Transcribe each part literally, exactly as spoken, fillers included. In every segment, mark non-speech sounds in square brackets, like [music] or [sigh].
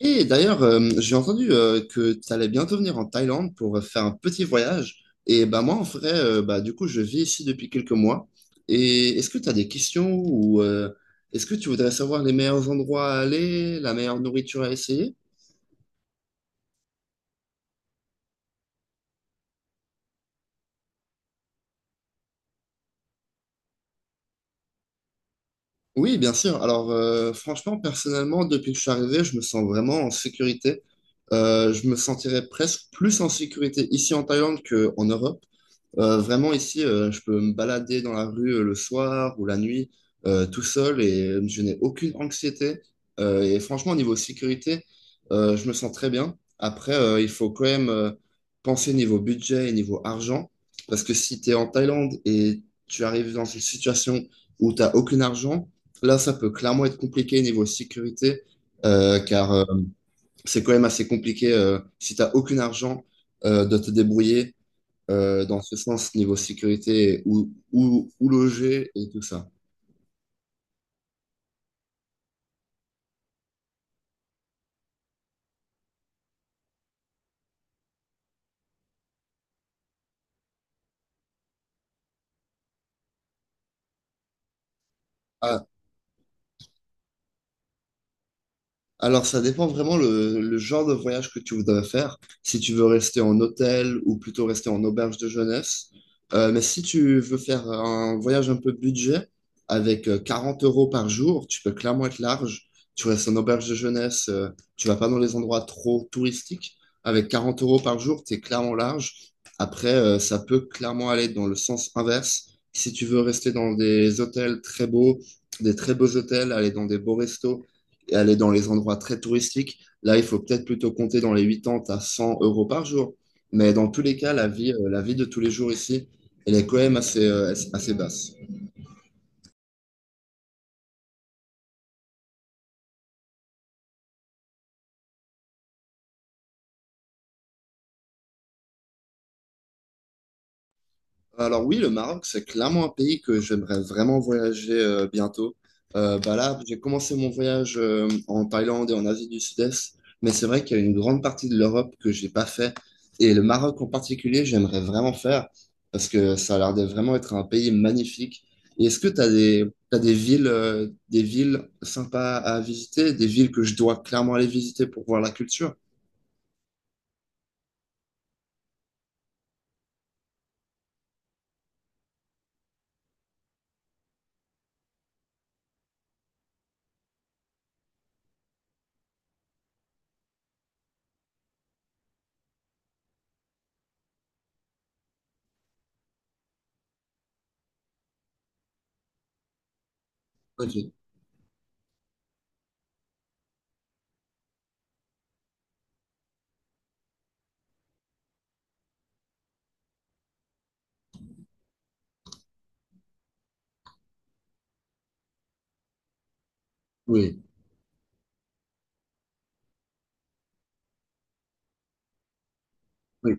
Et d'ailleurs, euh, j'ai entendu euh, que tu allais bientôt venir en Thaïlande pour euh, faire un petit voyage. Et bah, moi, en vrai, euh, bah, du coup, je vis ici depuis quelques mois. Et est-ce que tu as des questions ou euh, est-ce que tu voudrais savoir les meilleurs endroits à aller, la meilleure nourriture à essayer? Oui, bien sûr. Alors, euh, franchement, personnellement, depuis que je suis arrivé, je me sens vraiment en sécurité. Euh, je me sentirais presque plus en sécurité ici en Thaïlande qu'en Europe. Euh, vraiment, ici, euh, je peux me balader dans la rue euh, le soir ou la nuit euh, tout seul et je n'ai aucune anxiété. Euh, et franchement, au niveau sécurité, euh, je me sens très bien. Après, euh, il faut quand même euh, penser niveau budget et niveau argent. Parce que si tu es en Thaïlande et tu arrives dans une situation où tu n'as aucun argent, là, ça peut clairement être compliqué niveau sécurité, euh, car euh, c'est quand même assez compliqué euh, si tu n'as aucun argent euh, de te débrouiller euh, dans ce sens, niveau sécurité, où, où, où loger et tout ça. Ah, alors, ça dépend vraiment le, le genre de voyage que tu voudrais faire. Si tu veux rester en hôtel ou plutôt rester en auberge de jeunesse. Euh, mais si tu veux faire un voyage un peu budget, avec euh, quarante euros par jour, tu peux clairement être large. Tu restes en auberge de jeunesse, euh, tu vas pas dans les endroits trop touristiques. Avec quarante euros par jour, tu es clairement large. Après, euh, ça peut clairement aller dans le sens inverse. Si tu veux rester dans des hôtels très beaux, des très beaux hôtels, aller dans des beaux restos, et aller dans les endroits très touristiques. Là, il faut peut-être plutôt compter dans les quatre-vingts à cent euros par jour. Mais dans tous les cas, la vie, euh, la vie de tous les jours ici, elle est quand même assez, euh, assez basse. Alors oui, le Maroc, c'est clairement un pays que j'aimerais vraiment voyager euh, bientôt. Euh, bah là, j'ai commencé mon voyage euh, en Thaïlande et en Asie du Sud-Est, mais c'est vrai qu'il y a une grande partie de l'Europe que j'ai pas fait. Et le Maroc en particulier, j'aimerais vraiment faire parce que ça a l'air de vraiment être un pays magnifique. Et est-ce que tu as des, t'as des villes, euh, des villes sympas à visiter, des villes que je dois clairement aller visiter pour voir la culture? Ok, oui, oui.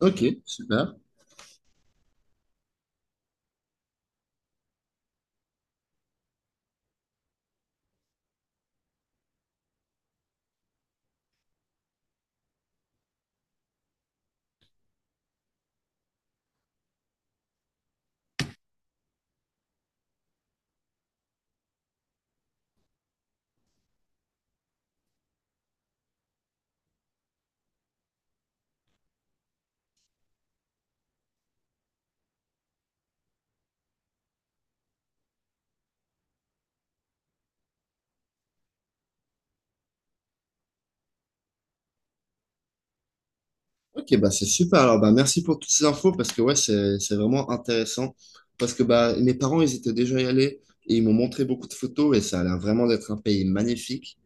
Ok, super. Ok, bah c'est super. Alors, bah, merci pour toutes ces infos parce que ouais, c'est, c'est vraiment intéressant. Parce que bah, mes parents, ils étaient déjà y allés et ils m'ont montré beaucoup de photos et ça a l'air vraiment d'être un pays magnifique.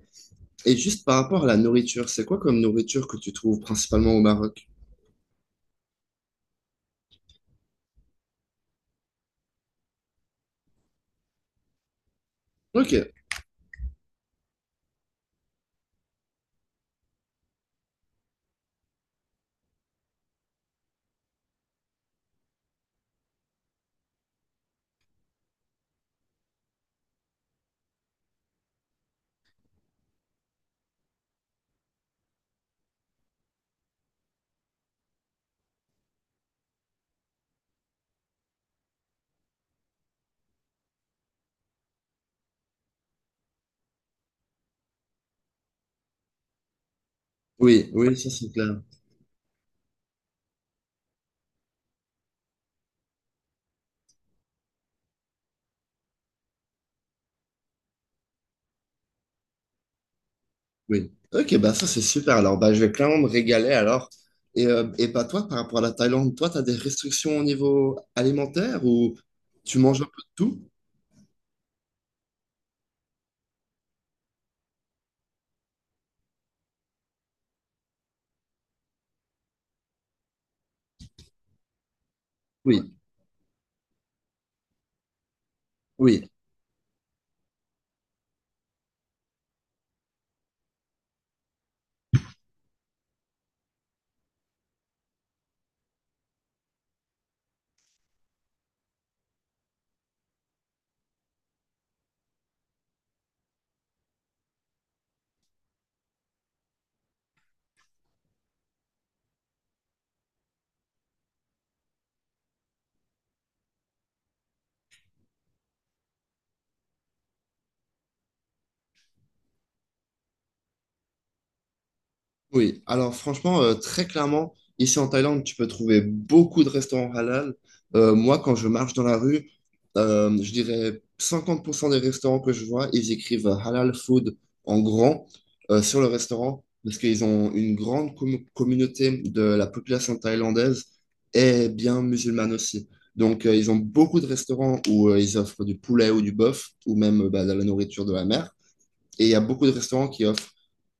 Et juste par rapport à la nourriture, c'est quoi comme nourriture que tu trouves principalement au Maroc? Ok, oui, oui, ça c'est clair. Oui. Ok, bah ça c'est super. Alors, bah, je vais clairement me régaler alors. Et, euh, et bah toi, par rapport à la Thaïlande, toi, tu as des restrictions au niveau alimentaire ou tu manges un peu de tout? Oui, oui. Oui, alors franchement, euh, très clairement, ici en Thaïlande, tu peux trouver beaucoup de restaurants halal. Euh, moi, quand je marche dans la rue, euh, je dirais cinquante pour cent des restaurants que je vois, ils écrivent euh, halal food en grand euh, sur le restaurant parce qu'ils ont une grande com- communauté de la population thaïlandaise et bien musulmane aussi. Donc, euh, ils ont beaucoup de restaurants où euh, ils offrent du poulet ou du bœuf ou même euh, bah, de la nourriture de la mer. Et il y a beaucoup de restaurants qui offrent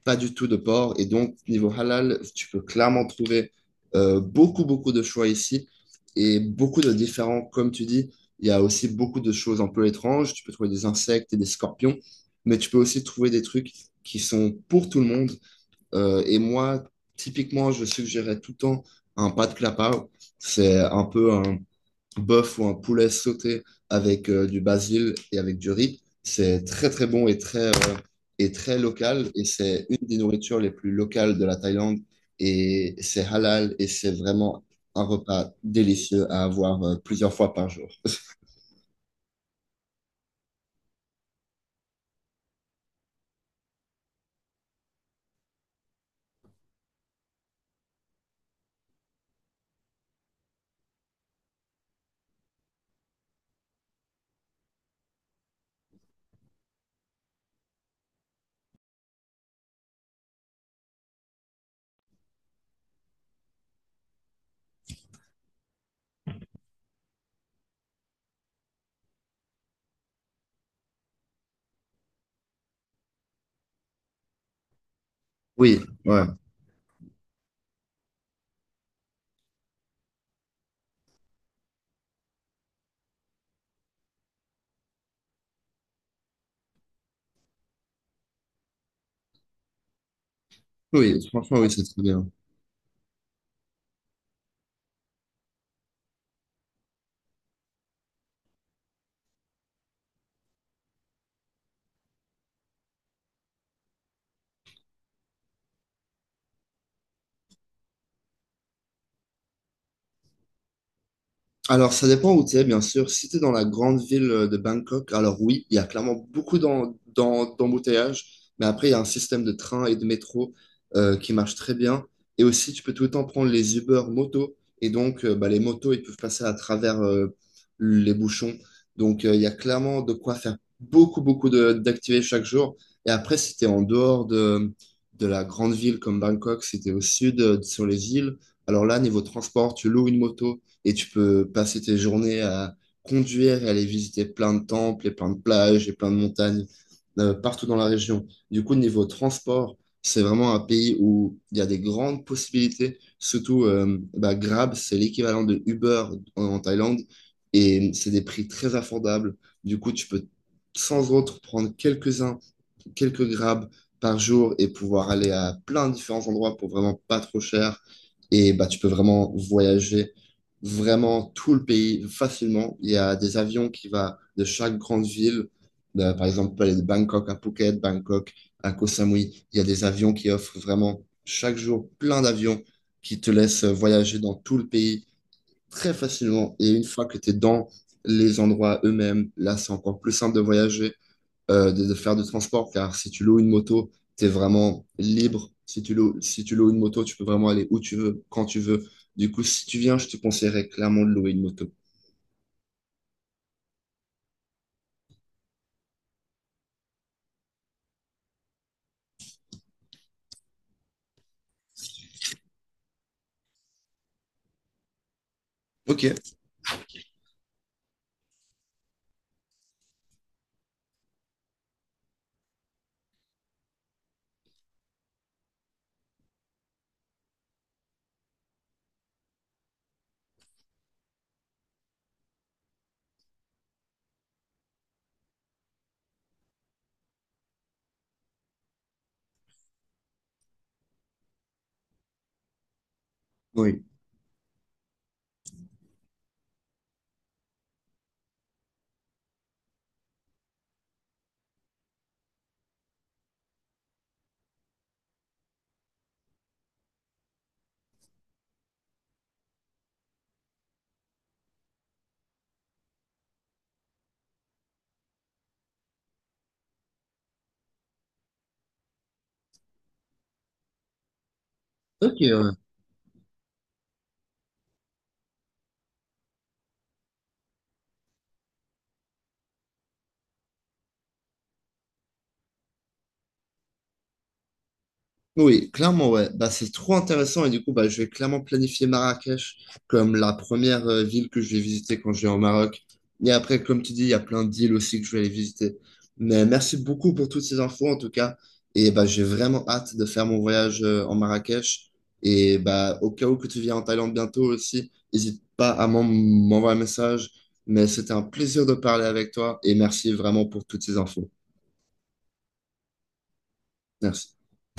pas du tout de porc. Et donc, niveau halal, tu peux clairement trouver euh, beaucoup, beaucoup de choix ici et beaucoup de différents, comme tu dis. Il y a aussi beaucoup de choses un peu étranges. Tu peux trouver des insectes et des scorpions, mais tu peux aussi trouver des trucs qui sont pour tout le monde. Euh, et moi, typiquement, je suggérais tout le temps un pas de c'est un peu un, bœuf ou un poulet sauté avec euh, du basil et avec du riz. C'est très très bon et très, euh, et très local et c'est une des nourritures les plus locales de la Thaïlande et c'est halal et c'est vraiment un repas délicieux à avoir euh, plusieurs fois par jour. [laughs] Oui, ouais. Oui, franchement, oui, c'est très bien. Alors, ça dépend où tu es, bien sûr. Si tu es dans la grande ville euh, de Bangkok, alors oui, il y a clairement beaucoup d'en- d'en- d'embouteillages, mais après, il y a un système de train et de métro euh, qui marche très bien. Et aussi, tu peux tout le temps prendre les Uber moto. Et donc, euh, bah, les motos, ils peuvent passer à travers euh, les bouchons. Donc, euh, il y a clairement de quoi faire beaucoup, beaucoup de- d'activités chaque jour. Et après, si tu es en dehors de, de la grande ville comme Bangkok, si tu es au sud, euh, sur les îles, alors là, niveau transport, tu loues une moto et tu peux passer tes journées à conduire et aller visiter plein de temples et plein de plages et plein de montagnes euh, partout dans la région. Du coup, niveau transport, c'est vraiment un pays où il y a des grandes possibilités. Surtout, euh, bah, Grab, c'est l'équivalent de Uber en, en Thaïlande et c'est des prix très affordables. Du coup, tu peux sans autre prendre quelques-uns quelques grabs par jour et pouvoir aller à plein de différents endroits pour vraiment pas trop cher. Et bah, tu peux vraiment voyager vraiment tout le pays facilement. Il y a des avions qui vont de chaque grande ville. De- par exemple, tu peux aller de Bangkok à Phuket, Bangkok à Koh Samui. Il y a des avions qui offrent vraiment chaque jour plein d'avions qui te laissent voyager dans tout le pays très facilement. Et une fois que tu es dans les endroits eux-mêmes, là, c'est encore plus simple de voyager euh, de, de faire du transport, car si tu loues une moto, tu es vraiment libre. Si tu loues, si tu loues une moto, tu peux vraiment aller où tu veux, quand tu veux. Du coup, si tu viens, je te conseillerais clairement de louer une moto. Ok, oui. Ok, oui, clairement, ouais. Bah, c'est trop intéressant et du coup, bah, je vais clairement planifier Marrakech comme la première euh, ville que je vais visiter quand je vais au Maroc. Et après, comme tu dis, il y a plein d'îles aussi que je vais aller visiter. Mais merci beaucoup pour toutes ces infos en tout cas. Et bah, j'ai vraiment hâte de faire mon voyage euh, en Marrakech. Et bah, au cas où que tu viens en Thaïlande bientôt aussi, n'hésite pas à m'en- m'envoyer un message. Mais c'était un plaisir de parler avec toi et merci vraiment pour toutes ces infos. Merci.